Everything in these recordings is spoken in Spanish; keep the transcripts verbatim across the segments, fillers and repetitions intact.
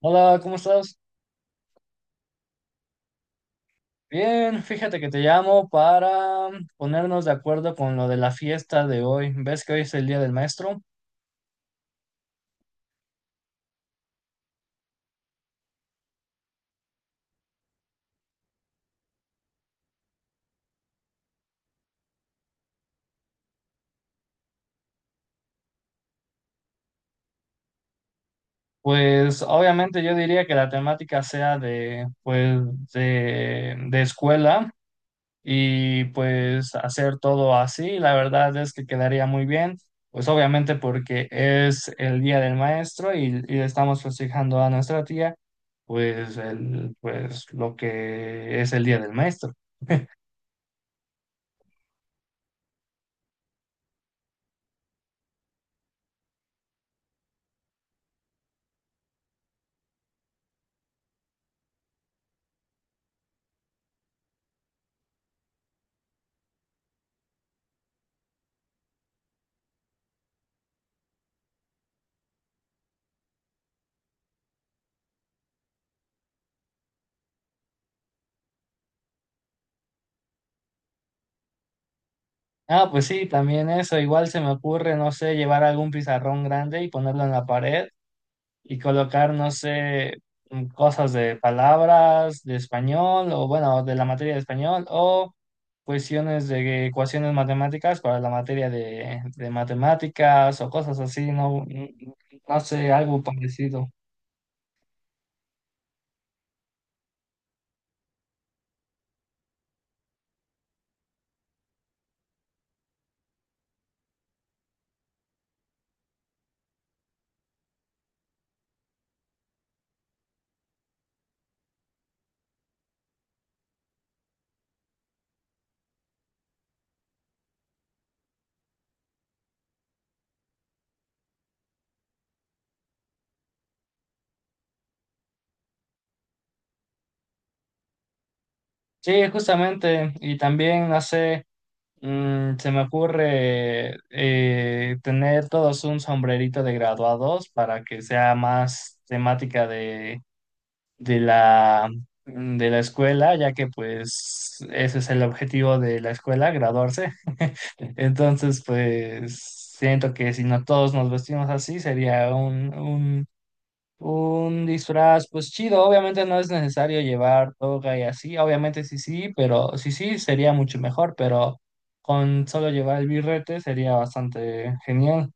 Hola, ¿cómo estás? Bien, fíjate que te llamo para ponernos de acuerdo con lo de la fiesta de hoy. ¿Ves que hoy es el Día del Maestro? Pues obviamente yo diría que la temática sea de, pues, de, de escuela y pues hacer todo así. La verdad es que quedaría muy bien, pues obviamente porque es el Día del Maestro y, y estamos festejando a nuestra tía, pues, el, pues lo que es el Día del Maestro. Ah, pues sí, también eso. Igual se me ocurre, no sé, llevar algún pizarrón grande y ponerlo en la pared y colocar, no sé, mm, cosas de palabras de español o bueno, de la materia de español o cuestiones de ecuaciones matemáticas para la materia de, de matemáticas o cosas así, no. Mm, no sé, algo parecido. Sí, justamente, y también, no sé. Mm, se me ocurre eh, tener todos un sombrerito de graduados para que sea más temática de, de la, mm, de la escuela, ya que pues ese es el objetivo de la escuela, graduarse. Entonces, pues siento que si no todos nos vestimos así, sería un disfraz, pues chido. Obviamente no es necesario llevar toga y así, obviamente sí, sí, pero sí, sí, sería mucho mejor, pero con solo llevar el birrete sería bastante genial.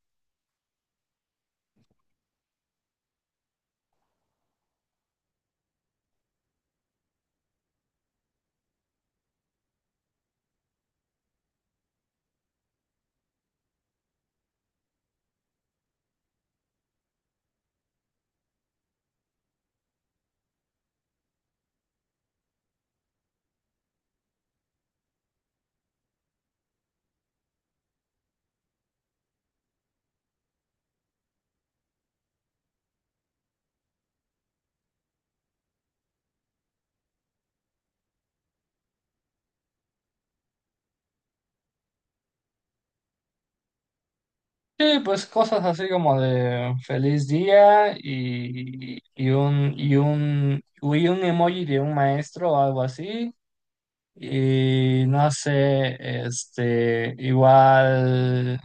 Sí, pues cosas así como de feliz día y, y un, y un, y un emoji de un maestro o algo así. Y no sé, este, igual.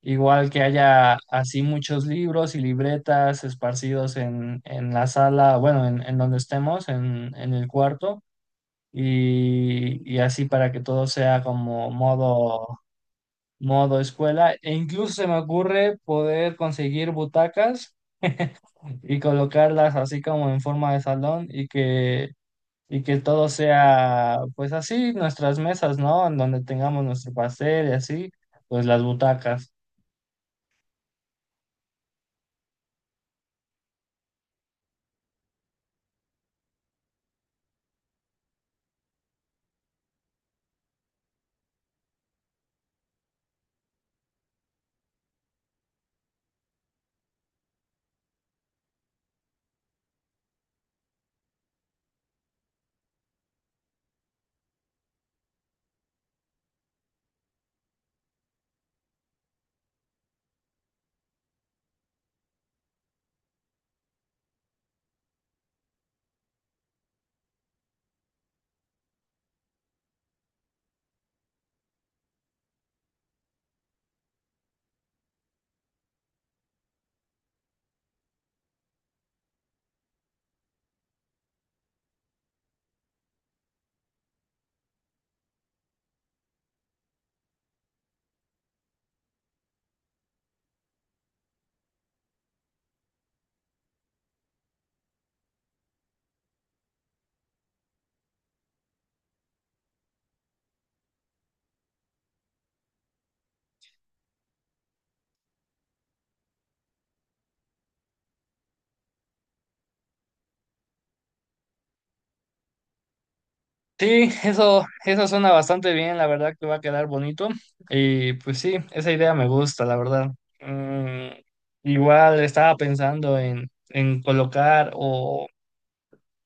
Igual que haya así muchos libros y libretas esparcidos en, en la sala, bueno, en, en donde estemos, en, en el cuarto, y, y así para que todo sea como modo, modo escuela. E incluso se me ocurre poder conseguir butacas y colocarlas así como en forma de salón y que, y que todo sea, pues así, nuestras mesas, ¿no? En donde tengamos nuestro pastel y así, pues las butacas. Sí, eso, eso suena bastante bien, la verdad que va a quedar bonito. Y pues sí, esa idea me gusta, la verdad. Mm, Igual estaba pensando en, en colocar o,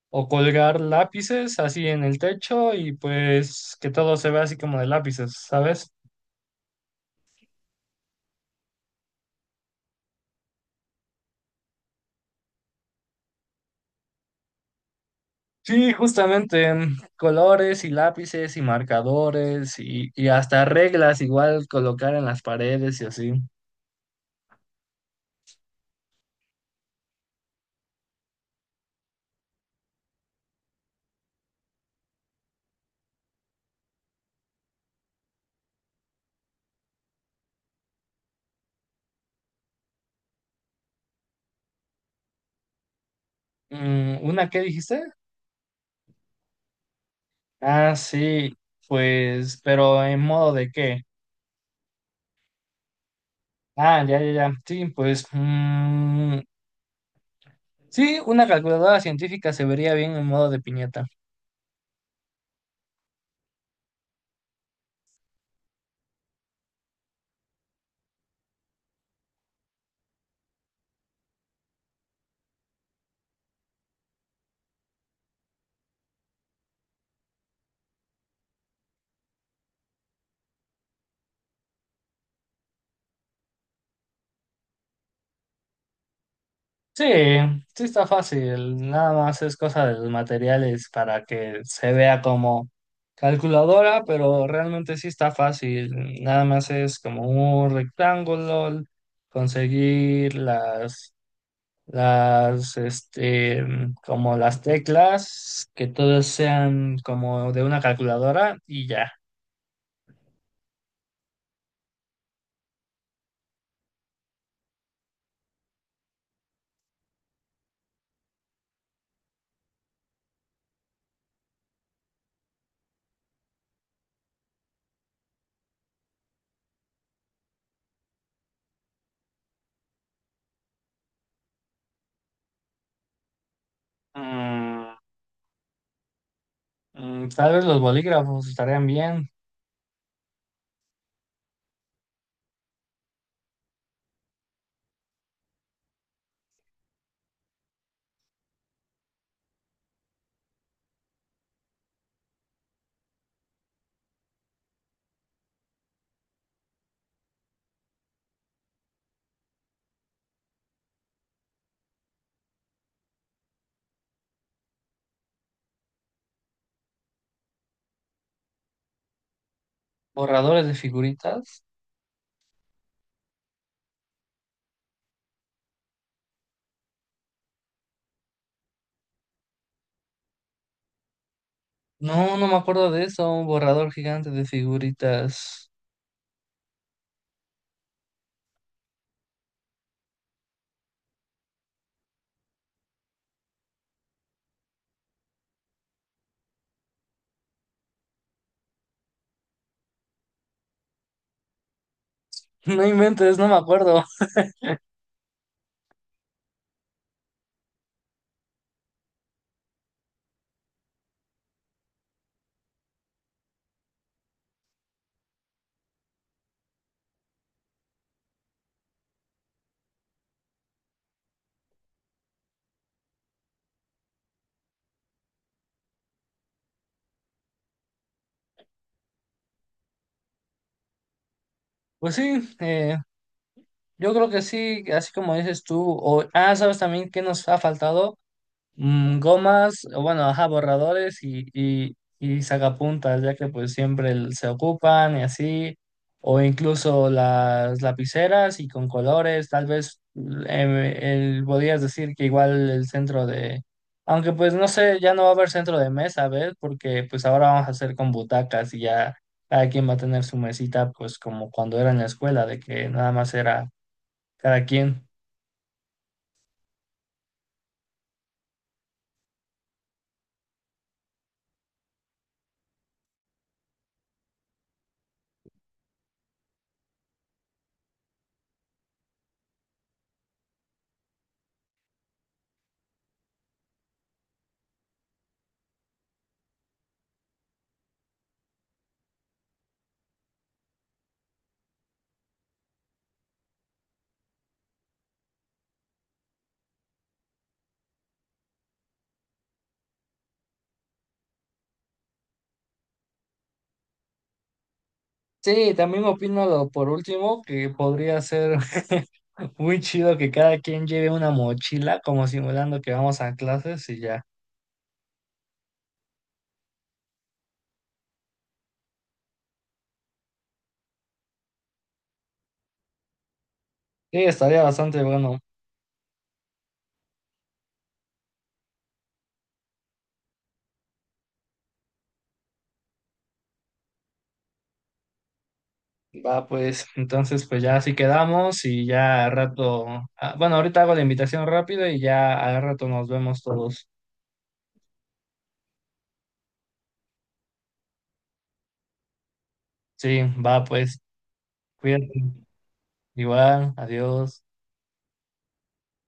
o colgar lápices así en el techo y pues que todo se vea así como de lápices, ¿sabes? Sí, justamente, mm, colores y lápices y marcadores y, y hasta reglas igual colocar en las paredes y así. Mm, ¿una qué dijiste? Ah, sí, pues, pero ¿en modo de qué? Ah, ya, ya, ya. Sí, pues, mm, sí, una calculadora científica se vería bien en modo de piñata. Sí, sí está fácil, nada más es cosa de los materiales para que se vea como calculadora, pero realmente sí está fácil, nada más es como un rectángulo, conseguir las las, este, como las teclas, que todos sean como de una calculadora y ya. Mm, mm, tal vez los bolígrafos estarían bien, borradores de figuritas. No, no me acuerdo de eso, un borrador gigante de figuritas. No inventes, no me acuerdo. Pues sí, eh, yo creo que sí, así como dices tú. O- ah, ¿sabes también qué nos ha faltado? mm, gomas, o bueno, ajá, borradores y, y, y sacapuntas, ya que pues siempre el- se ocupan y así, o incluso las lapiceras y con colores, tal vez mm, em, el- podrías decir que igual el centro de, aunque pues no sé, ya no va a haber centro de mesa, ¿ves? Porque pues ahora vamos a hacer con butacas y ya cada quien va a tener su mesita, pues como cuando era en la escuela, de que nada más era cada quien. Sí, también opino lo por último que podría ser. Muy chido que cada quien lleve una mochila, como simulando que vamos a clases y ya. Sí, estaría bastante bueno. Va, pues, entonces, pues ya así quedamos y ya al rato. Ah, bueno, ahorita hago la invitación rápido y ya al rato nos vemos todos. Sí, va, pues, cuídate. Igual, adiós.